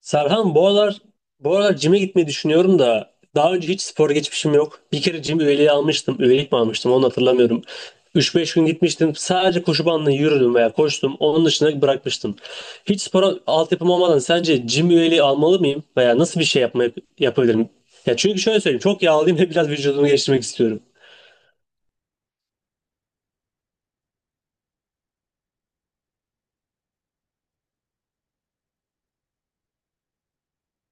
Serhan, bu aralar cime gitmeyi düşünüyorum da daha önce hiç spor geçmişim yok. Bir kere cim üyeliği almıştım. Üyelik mi almıştım, onu hatırlamıyorum. Üç beş gün gitmiştim. Sadece koşu bandına yürüdüm veya koştum. Onun dışında bırakmıştım. Hiç spora altyapım olmadan sence cim üyeliği almalı mıyım? Veya nasıl bir şey yapabilirim? Ya çünkü şöyle söyleyeyim. Çok yağlıyım ve biraz vücudumu geliştirmek istiyorum.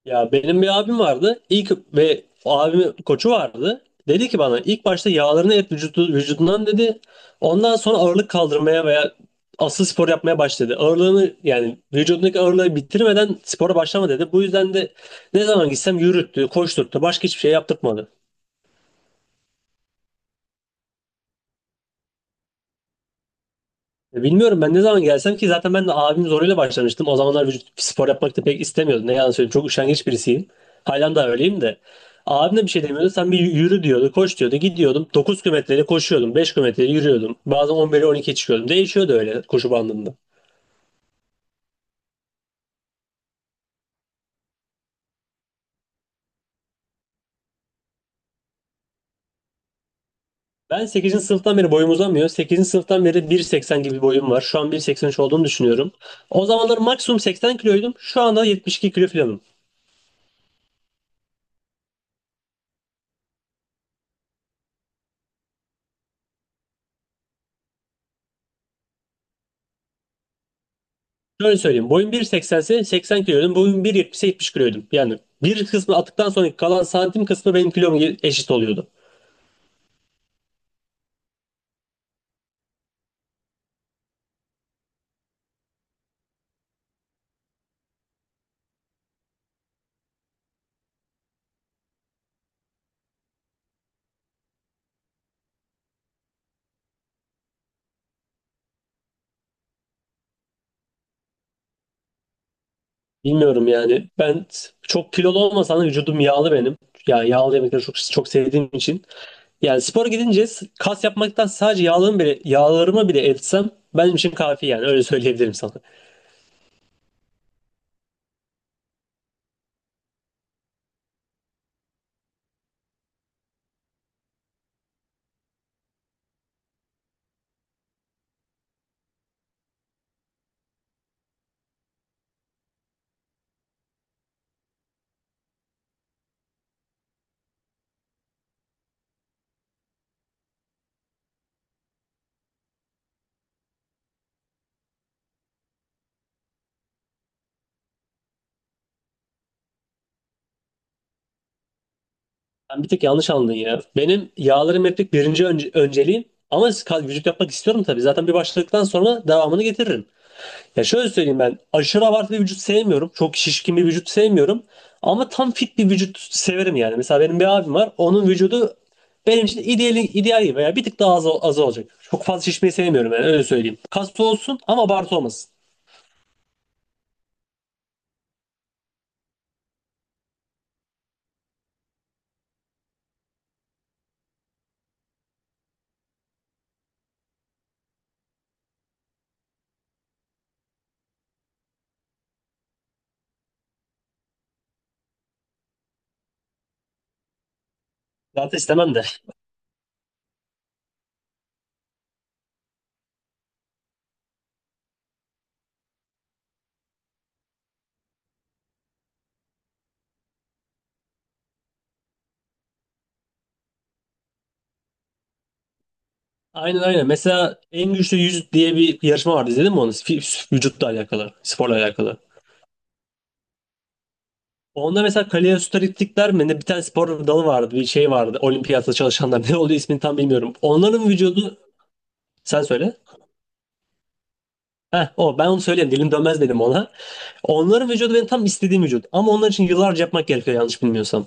Ya benim bir abim vardı. İlk ve o abimin koçu vardı. Dedi ki bana ilk başta yağlarını et vücudu, vücudundan dedi. Ondan sonra ağırlık kaldırmaya veya asıl spor yapmaya başladı. Ağırlığını yani vücudundaki ağırlığı bitirmeden spora başlama dedi. Bu yüzden de ne zaman gitsem yürüttü, koşturttu. Başka hiçbir şey yaptırtmadı. Bilmiyorum, ben ne zaman gelsem ki zaten ben de abim zoruyla başlamıştım. O zamanlar vücut spor yapmak da pek istemiyordum. Ne yalan söyleyeyim. Çok üşengeç birisiyim. Halen daha öyleyim de. Abim de bir şey demiyordu. Sen bir yürü diyordu, koş diyordu. Gidiyordum. 9 kilometreyle koşuyordum. 5 kilometreyle yürüyordum. Bazen 11'e, on 12'ye çıkıyordum. Değişiyordu öyle koşu bandında. Ben sekizinci sınıftan beri boyum uzamıyor. Sekizinci sınıftan beri bir seksen gibi bir boyum var. Şu an bir seksen üç olduğunu düşünüyorum. O zamanlar maksimum 80 kiloydum. Şu anda 72 kilo falanım. Şöyle söyleyeyim. Boyum bir seksense, 80 kiloydum. Boyum 1,70'e 70 kiloydum. Yani bir kısmı attıktan sonra kalan santim kısmı benim kilom eşit oluyordu. Bilmiyorum yani. Ben çok kilolu olmasam da vücudum yağlı benim. Yani yağlı yemekleri çok çok sevdiğim için. Yani spora gidince kas yapmaktan sadece yağlarımı bile eritsem benim için kafi, yani öyle söyleyebilirim sana. Sen bir tık yanlış anladın ya. Benim yağlarım eritmek birinci önceliğim ama vücut yapmak istiyorum tabii. Zaten bir başladıktan sonra devamını getiririm. Ya şöyle söyleyeyim, ben aşırı abartı bir vücut sevmiyorum. Çok şişkin bir vücut sevmiyorum. Ama tam fit bir vücut severim yani. Mesela benim bir abim var. Onun vücudu benim için ideal, ideal gibi veya bir tık daha az, az olacak. Çok fazla şişmeyi sevmiyorum yani, öyle söyleyeyim. Kaslı olsun ama abartı olmasın. Zaten istemem de. Aynen aynen. Mesela en güçlü 100 diye bir yarışma vardı. İzledin mi onu? Vücutla alakalı. Sporla alakalı. Onda mesela kaloriferiklikler mi ne, bir tane spor dalı vardı. Bir şey vardı. Olimpiyatta çalışanlar. Ne oluyor, ismini tam bilmiyorum. Onların vücudu... Sen söyle. Heh, o ben onu söyleyeyim dilim dönmez dedim ona. Onların vücudu benim tam istediğim vücut. Ama onlar için yıllarca yapmak gerekiyor yanlış bilmiyorsam.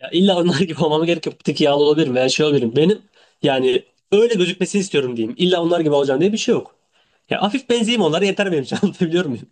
Ya illa onlar gibi olmama gerek yok. Bir tık yağlı olabilirim veya şey olabilirim. Benim yani öyle gözükmesini istiyorum diyeyim. İlla onlar gibi olacağım diye bir şey yok. Ya hafif benzeyeyim onlara yeter benim için. Anlatabiliyor muyum?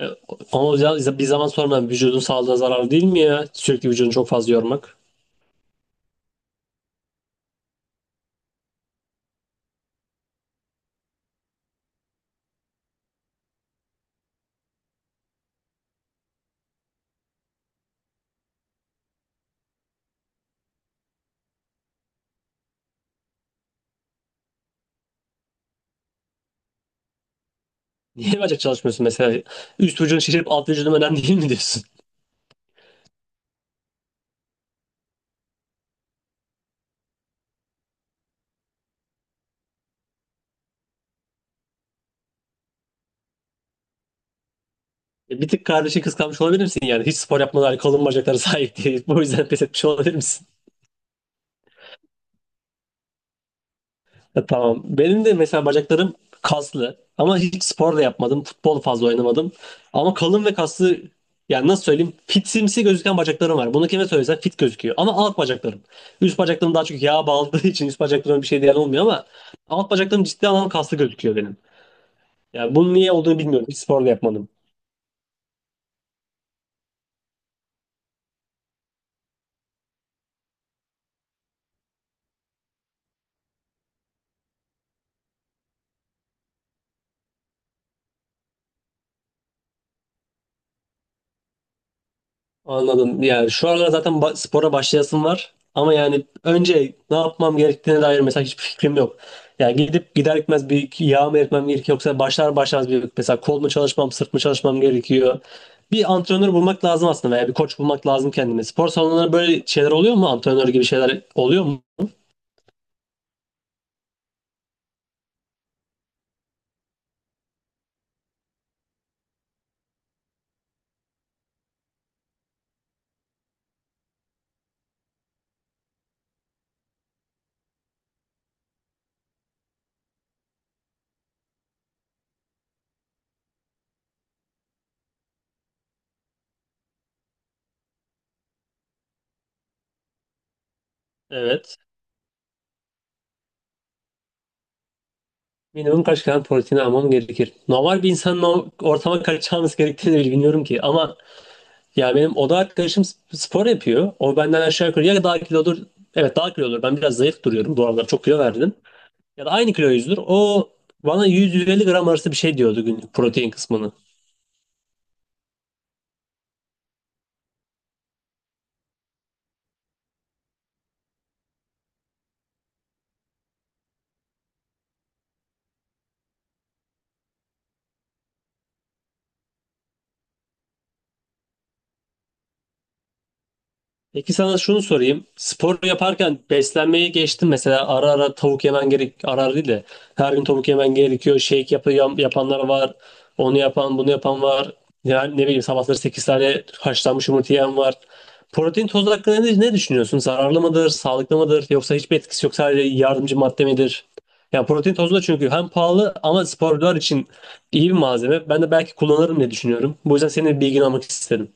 E, Ama bir zaman sonra vücudun sağlığına zararlı değil mi ya? Sürekli vücudunu çok fazla yormak. Niye bacak çalışmıyorsun mesela? Üst vücudun şişirip alt vücudun önemli değil mi diyorsun? Bir tık kardeşi kıskanmış olabilir misin yani? Hiç spor yapmadan kalın bacaklara sahip değil. Bu yüzden pes etmiş olabilir misin? Tamam. Benim de mesela bacaklarım kaslı. Ama hiç spor da yapmadım. Futbol fazla oynamadım. Ama kalın ve kaslı, yani nasıl söyleyeyim? Fitsimsi gözüken bacaklarım var. Bunu kime söylesen fit gözüküyor. Ama alt bacaklarım. Üst bacaklarım daha çok yağa bağladığı için üst bacaklarım bir şey diyen olmuyor ama alt bacaklarım ciddi anlamda kaslı gözüküyor benim. Yani bunun niye olduğunu bilmiyorum. Hiç spor da yapmadım. Anladım. Yani şu aralar zaten spora başlayasım var. Ama yani önce ne yapmam gerektiğine dair mesela hiçbir fikrim yok. Yani gidip gider gitmez bir iki yağ mı eritmem gerekiyor, yoksa başlar başlamaz bir mesela kol mu çalışmam, sırt mı çalışmam gerekiyor. Bir antrenör bulmak lazım aslında veya bir koç bulmak lazım kendime. Spor salonlarında böyle şeyler oluyor mu? Antrenör gibi şeyler oluyor mu? Evet. Minimum kaç gram protein almam gerekir? Normal bir insanın o ortama kaçacağımız gerektiğini bile bilmiyorum ki. Ama ya benim oda arkadaşım spor yapıyor. O benden aşağı yukarı ya daha kilodur. Evet, daha kilodur. Ben biraz zayıf duruyorum. Bu aralar çok kilo verdim. Ya da aynı kilo yüzdür. O bana 100-150 gram arası bir şey diyordu günlük protein kısmını. Peki sana şunu sorayım. Spor yaparken beslenmeyi geçtim. Mesela ara ara tavuk yemen gerek, ara ara değil de her gün tavuk yemen gerekiyor. Yapanlar var. Onu yapan, bunu yapan var. Yani ne bileyim, sabahları 8 tane haşlanmış yumurta yiyen var. Protein tozu hakkında ne düşünüyorsun? Zararlı mıdır, sağlıklı mıdır, yoksa hiçbir etkisi yok sadece yardımcı madde midir? Yani protein tozu da çünkü hem pahalı ama sporcular için iyi bir malzeme. Ben de belki kullanırım diye düşünüyorum. Bu yüzden senin bilgini almak istedim.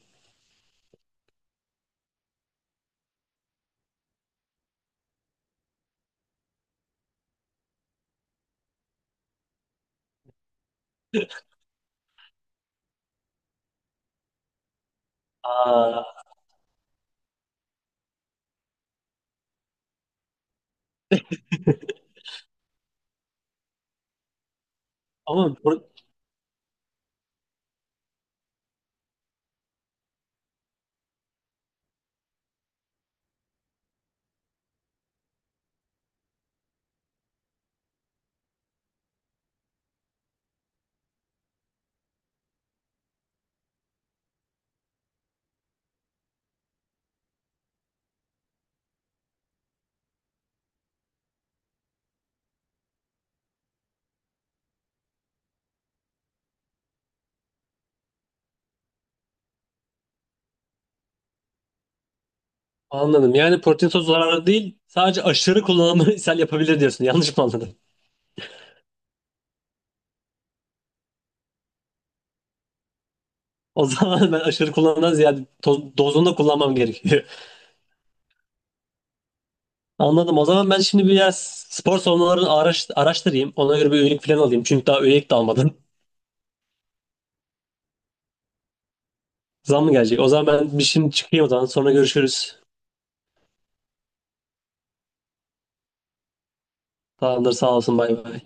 Aa, ama pro- anladım. Yani protein tozu zararlı değil. Sadece aşırı kullanımı ishal yapabilir diyorsun. Yanlış mı anladım? O zaman ben aşırı kullanımdan ziyade, dozunda kullanmam gerekiyor. Anladım. O zaman ben şimdi biraz spor salonlarını araştırayım. Ona göre bir üyelik falan alayım. Çünkü daha üyelik de almadım. Zam mı gelecek? O zaman ben bir şimdi çıkayım o zaman. Sonra görüşürüz. Tamamdır. Sağ olsun. Bay bay.